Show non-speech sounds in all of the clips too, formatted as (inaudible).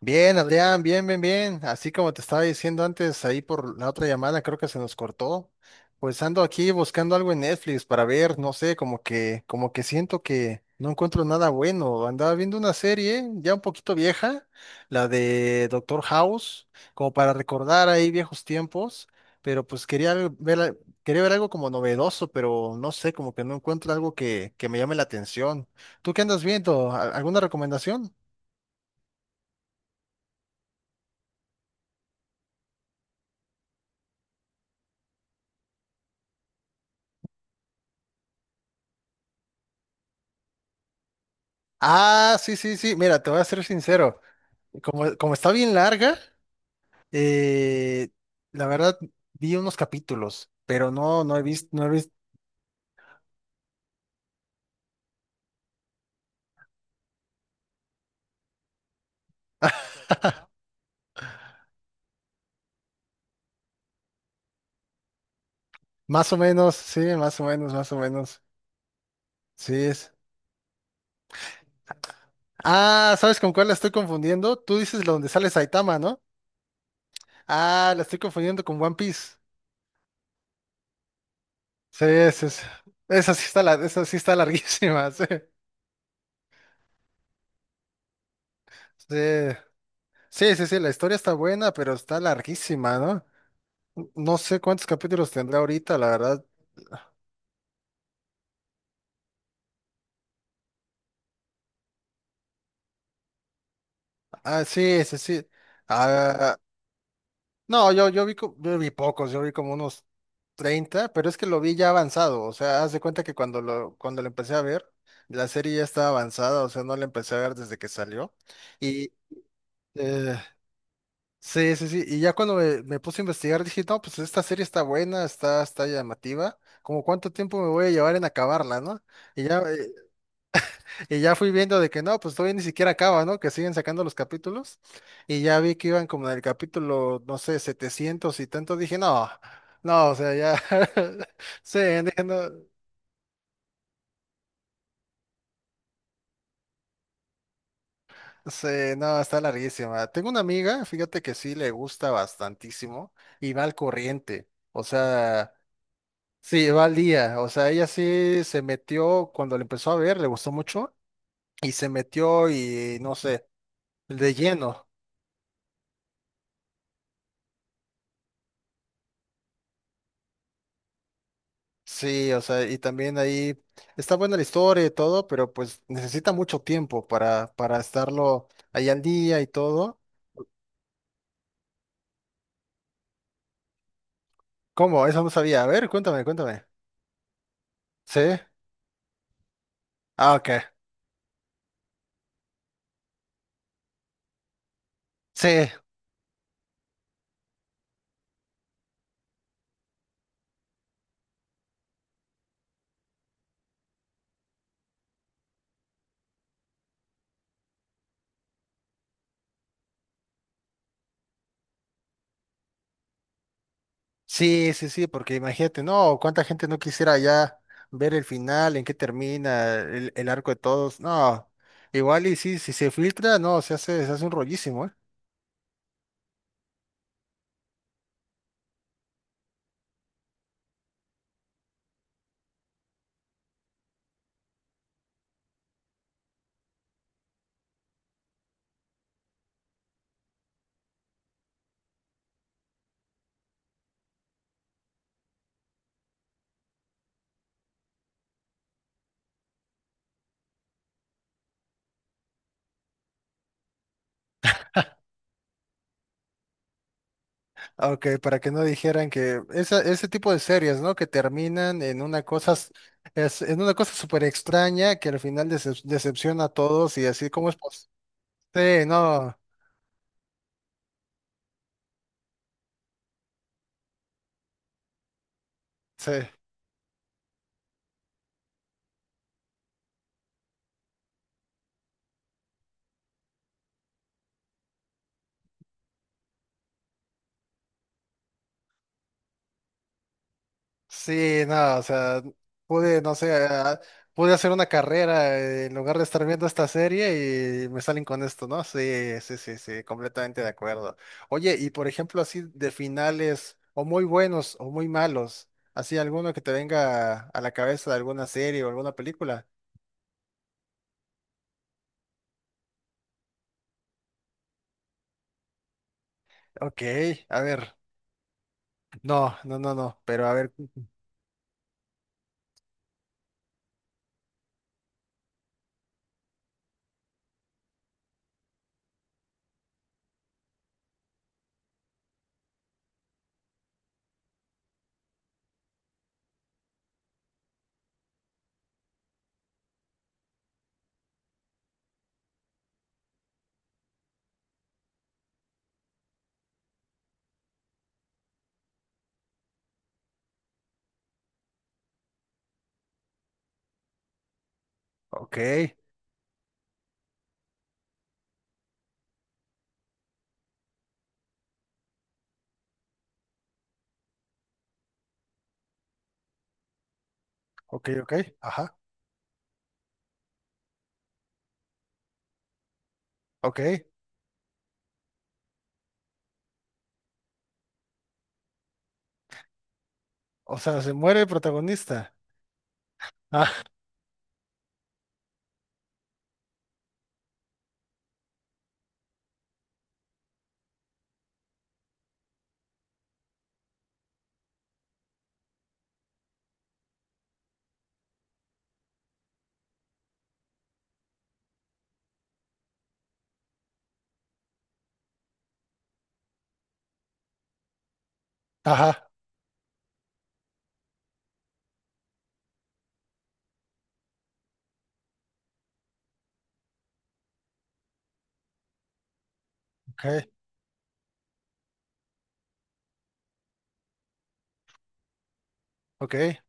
Bien, Adrián, bien, bien, bien. Así como te estaba diciendo antes, ahí por la otra llamada, creo que se nos cortó. Pues ando aquí buscando algo en Netflix para ver, no sé, como que siento que no encuentro nada bueno. Andaba viendo una serie ya un poquito vieja, la de Doctor House, como para recordar ahí viejos tiempos, pero pues quería quería ver algo como novedoso, pero no sé, como que no encuentro algo que me llame la atención. ¿Tú qué andas viendo? ¿Alguna recomendación? Ah, sí, sí, sí. Mira, te voy a ser sincero. Como está bien larga, eh, la verdad vi unos capítulos, pero no, no he visto, no he visto. (laughs) Más o menos, sí, más o menos, más o menos. Sí es. Ah, ¿sabes con cuál la estoy confundiendo? Tú dices la donde sale Saitama, ¿no? Ah, la estoy confundiendo con One Piece. Sí, es. Esa sí está, esa sí está larguísima, (laughs) sí. Sí. Sí, sí, sí, la historia está buena, pero está larguísima, ¿no? No sé cuántos capítulos tendrá ahorita, la verdad. Ah, sí, sí, sí. Ah, no, yo vi, yo vi pocos, yo vi como unos 30, pero es que lo vi ya avanzado. O sea, haz de cuenta que cuando lo empecé a ver, la serie ya estaba avanzada, o sea, no la empecé a ver desde que salió. Y eh, sí, sí, sí. Y ya cuando me puse a investigar, dije, no, pues esta serie está buena, está llamativa. Como cuánto tiempo me voy a llevar en acabarla, ¿no? Y ya, eh, Y ya fui viendo de que no, pues todavía ni siquiera acaba, ¿no? Que siguen sacando los capítulos. Y ya vi que iban como en el capítulo, no sé, 700 y tanto. Dije, no, no, o sea, ya. (laughs) Sí, dije, no, sí, no, está larguísima. Tengo una amiga, fíjate que sí le gusta bastantísimo y va al corriente. O sea, sí, va al día. O sea, ella sí se metió cuando le empezó a ver, le gustó mucho y se metió y no sé, de lleno. Sí, o sea, y también ahí está buena la historia y todo, pero pues necesita mucho tiempo para estarlo ahí al día y todo. ¿Cómo? Eso no sabía. A ver, cuéntame, cuéntame. ¿Sí? Ah, ok. Sí, sí, sí, sí, porque imagínate, no, cuánta gente no quisiera ya ver el final, en qué termina, el arco de todos. No, igual y sí, si se filtra, no, se hace un rollísimo, ¿eh? Ah, ok, para que no dijeran que ese tipo de series, ¿no? Que terminan en una cosa, es, en una cosa súper extraña que al final decepciona a todos y así, ¿cómo es posible? Sí, no, sí. Sí, no, o sea, pude, no sé, pude hacer una carrera en lugar de estar viendo esta serie y me salen con esto, ¿no? Sí, sí, sí, sí, completamente de acuerdo. Oye, y por ejemplo, así de finales, o muy buenos o muy malos, así alguno que te venga a la cabeza de alguna serie o alguna película. Ok, a ver, no, no, no, no, pero a ver, ok, ok, ok, ajá, ok, o sea, se muere el protagonista. Ah, ajá, ok, ok.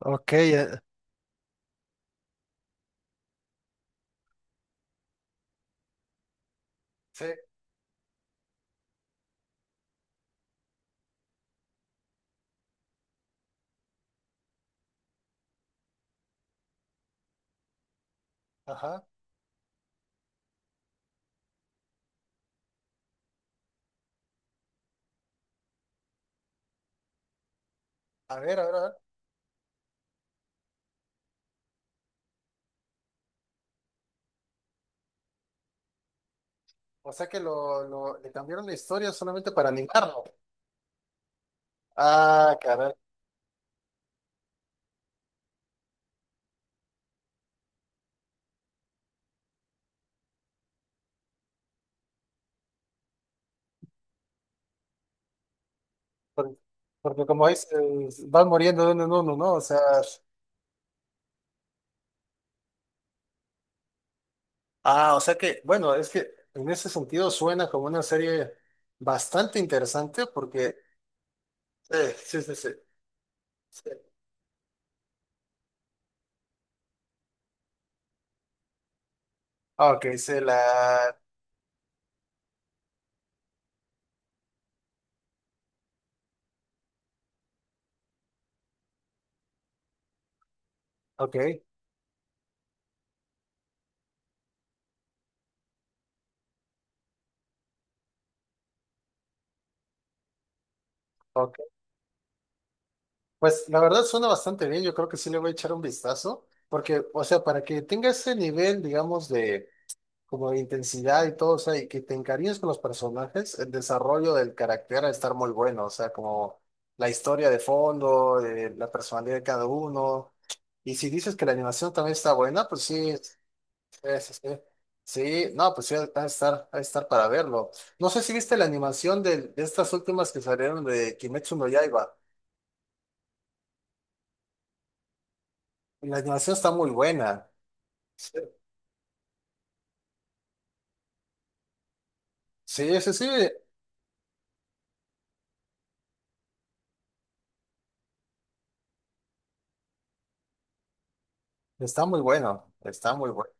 Ok. Sí, ajá. A ver, a ver, a ver. O sea que le cambiaron la historia solamente para animarlo. Ah, caray. Por- Porque, como dices, van muriendo de uno en uno, ¿no? O sea. Ah, o sea que, bueno, es que en ese sentido suena como una serie bastante interesante porque. Sí, sí, sí, sí, sí. Ah, ok, se la. Ok, ok. Pues la verdad suena bastante bien. Yo creo que sí le voy a echar un vistazo. Porque, o sea, para que tenga ese nivel, digamos, de como de intensidad y todo, o sea, y que te encariñes con los personajes, el desarrollo del carácter a estar muy bueno, o sea, como la historia de fondo, la personalidad de cada uno. Y si dices que la animación también está buena, pues sí, es- es- sí, no, pues sí, va a estar, para verlo. No sé si viste la animación de estas últimas que salieron de Kimetsu no Yaiba. La animación está muy buena. Sí, sí, sí, sí, está muy bueno, está muy bueno.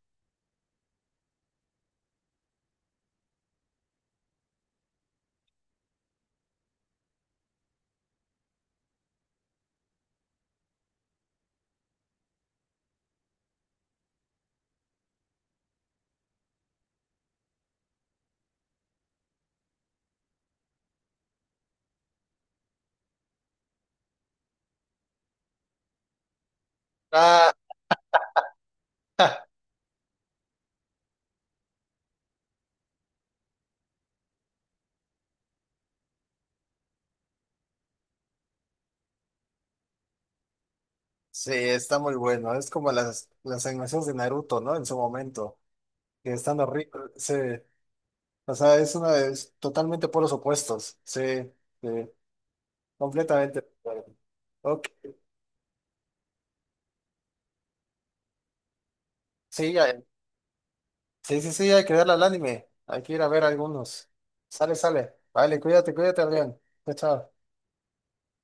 Ah, (laughs) sí, está muy bueno. Es como las animaciones de Naruto, ¿no? En su momento. Que están horribles. Sí. O sea, es una de es totalmente por los opuestos. Sí, sí. Completamente de acuerdo. Ok. Sí, sí, sí, sí, hay que darle al anime. Hay que ir a ver algunos. Sale, sale. Vale, cuídate, cuídate, Adrián. Chao, chao.